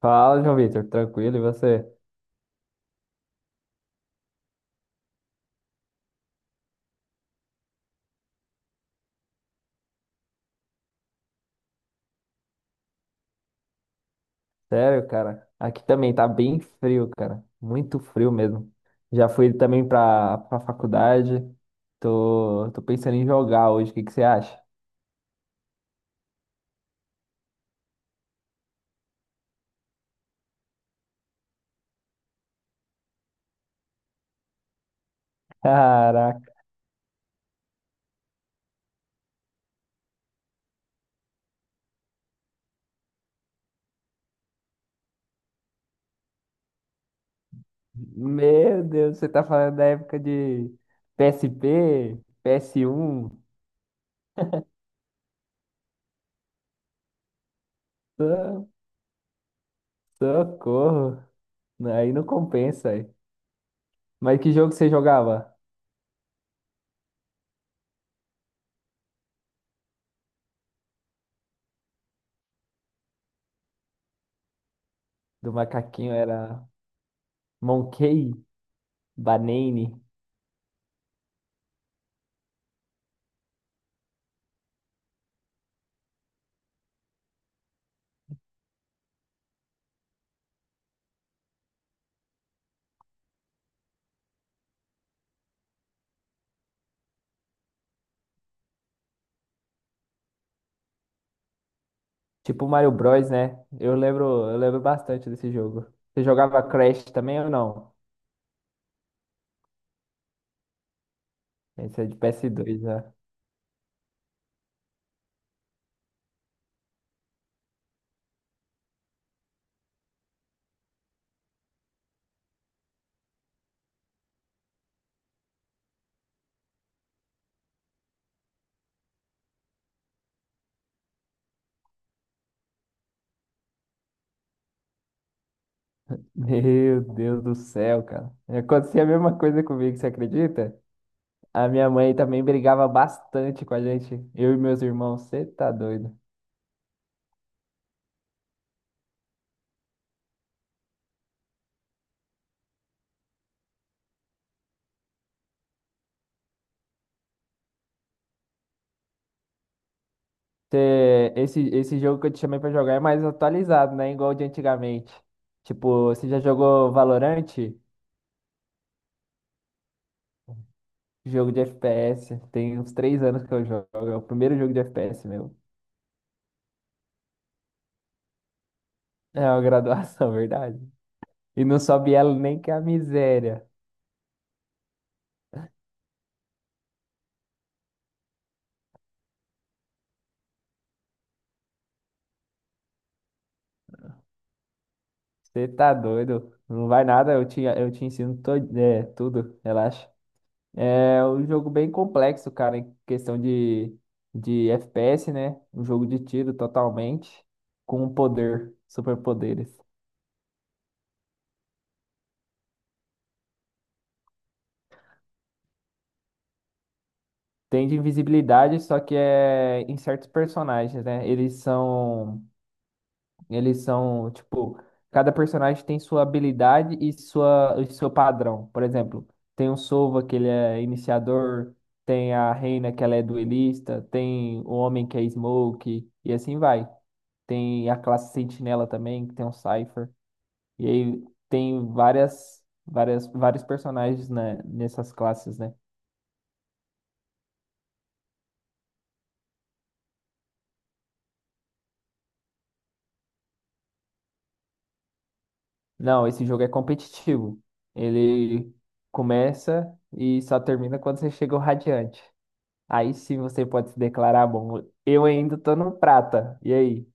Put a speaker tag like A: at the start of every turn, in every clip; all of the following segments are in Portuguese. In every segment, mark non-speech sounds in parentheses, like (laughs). A: Fala, João Vitor, tranquilo, e você? Sério, cara? Aqui também tá bem frio, cara. Muito frio mesmo. Já fui também pra faculdade. Tô pensando em jogar hoje, o que que você acha? (laughs) Caraca, meu Deus, você tá falando da época de PSP, PS1. So- Socorro. Aí não compensa aí. Mas que jogo você jogava? Do macaquinho era Monkey Banane? Tipo Mario Bros, né? Eu lembro bastante desse jogo. Você jogava Crash também ou não? Esse é de PS2, né? Meu Deus do céu, cara. Acontecia a mesma coisa comigo, você acredita? A minha mãe também brigava bastante com a gente. Eu e meus irmãos, você tá doido. Esse jogo que eu te chamei pra jogar é mais atualizado, né? Igual o de antigamente. Tipo, você já jogou Valorant? Jogo de FPS. Tem uns 3 anos que eu jogo. É o primeiro jogo de FPS meu. É uma graduação, (laughs) verdade. E não sobe ela nem que é a miséria. Você tá doido? Não vai nada, eu te ensino todo, é, tudo, relaxa. É um jogo bem complexo, cara, em questão de FPS, né? Um jogo de tiro totalmente, com um poder, superpoderes. Tem de invisibilidade, só que é em certos personagens, né? Eles são, tipo, cada personagem tem sua habilidade e e seu padrão. Por exemplo, tem o Sova, que ele é iniciador, tem a Reina, que ela é duelista, tem o Homem, que é Smoke, e assim vai. Tem a classe Sentinela também, que tem um Cypher. E aí tem vários personagens, né, nessas classes, né? Não, esse jogo é competitivo. Ele começa e só termina quando você chega ao Radiante. Aí sim você pode se declarar bom. Eu ainda tô no prata. E aí?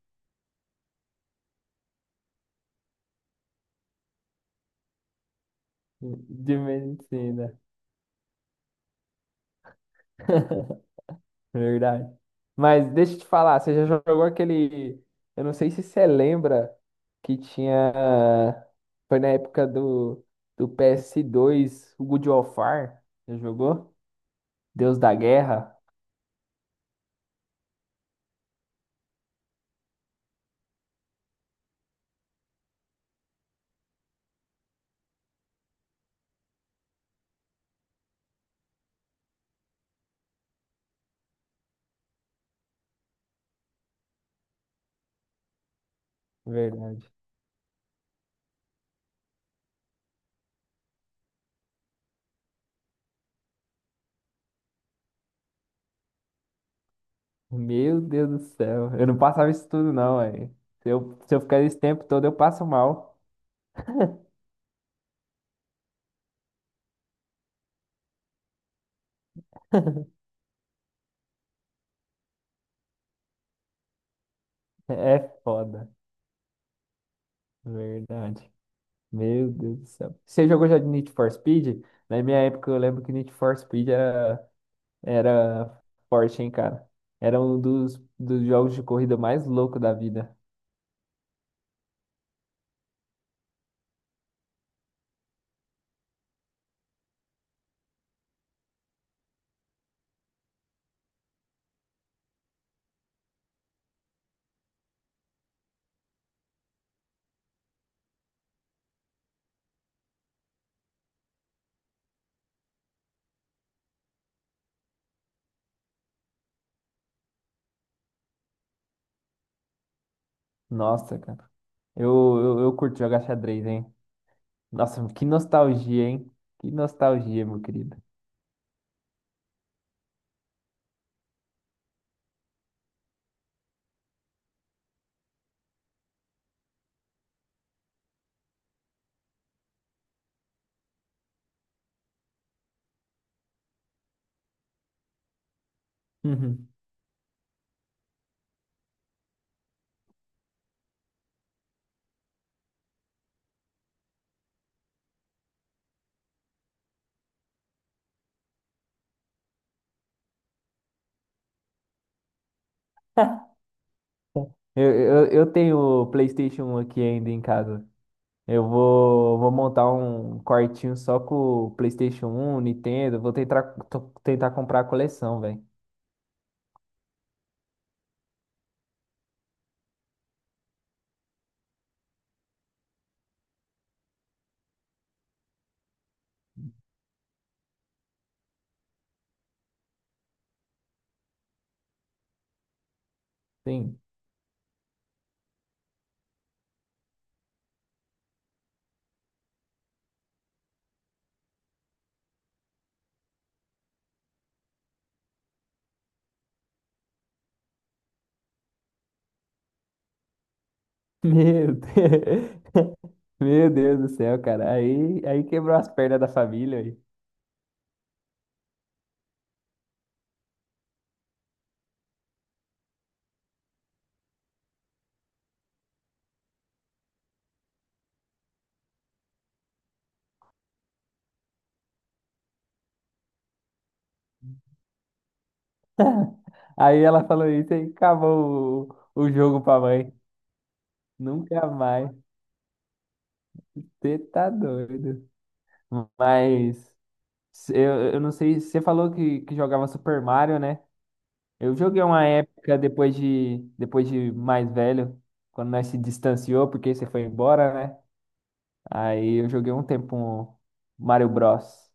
A: De medicina. (laughs) Verdade. Mas deixa eu te falar, você já jogou aquele. Eu não sei se você lembra que tinha. Foi na época do PS2, o God of War. Já jogou? Deus da Guerra. Verdade. Meu Deus do céu. Eu não passava isso tudo, não, velho. Se eu ficar esse tempo todo, eu passo mal. (laughs) É foda. Verdade. Meu Deus do céu. Você jogou já de Need for Speed? Na minha época, eu lembro que Need for Speed era, era forte, hein, cara? Era um dos jogos de corrida mais loucos da vida. Nossa, cara. Eu curto jogar xadrez, hein? Nossa, que nostalgia, hein? Que nostalgia, meu querido. Uhum. Eu, eu tenho o PlayStation um aqui ainda em casa. Vou montar um quartinho só com o PlayStation um Nintendo. Vou tentar, tentar comprar a coleção, velho. Sim. Meu Deus. (laughs) Meu Deus do céu, cara. Aí, aí quebrou as pernas da família. Aí, aí ela falou isso e acabou o jogo pra mãe. Nunca mais. Você tá doido. Mas eu não sei. Você falou que jogava Super Mario, né? Eu joguei uma época depois de mais velho, quando nós se distanciou, porque você foi embora, né? Aí eu joguei um tempo um Mario Bros.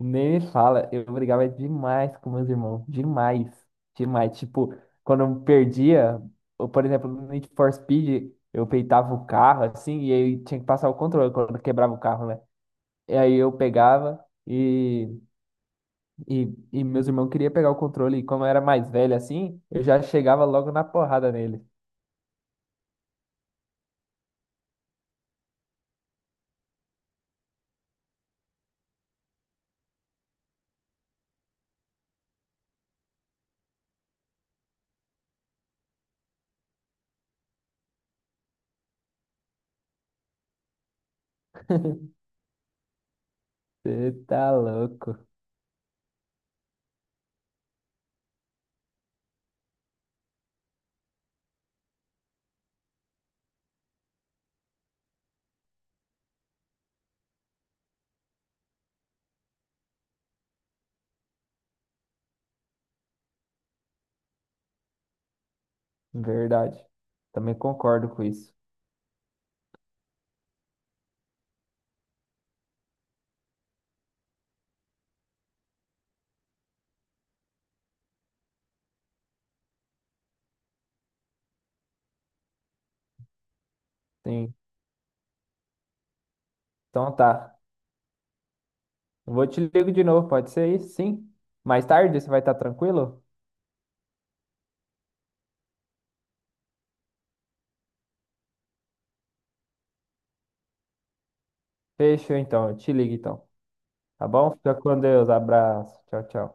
A: Nem me fala, eu brigava demais com meus irmãos, demais, demais. Tipo, quando eu perdia, ou, por exemplo, no Need for Speed, eu peitava o carro assim, e aí tinha que passar o controle quando quebrava o carro, né? E aí eu pegava. E meus irmãos queriam pegar o controle, e como eu era mais velho assim, eu já chegava logo na porrada nele. Você tá louco. Verdade. Também concordo com isso. Sim. Então tá. Eu vou te ligo de novo, pode ser isso? Sim. Mais tarde, você vai estar tranquilo? Fechou então, eu te ligo então. Tá bom? Fica com Deus, abraço. Tchau, tchau.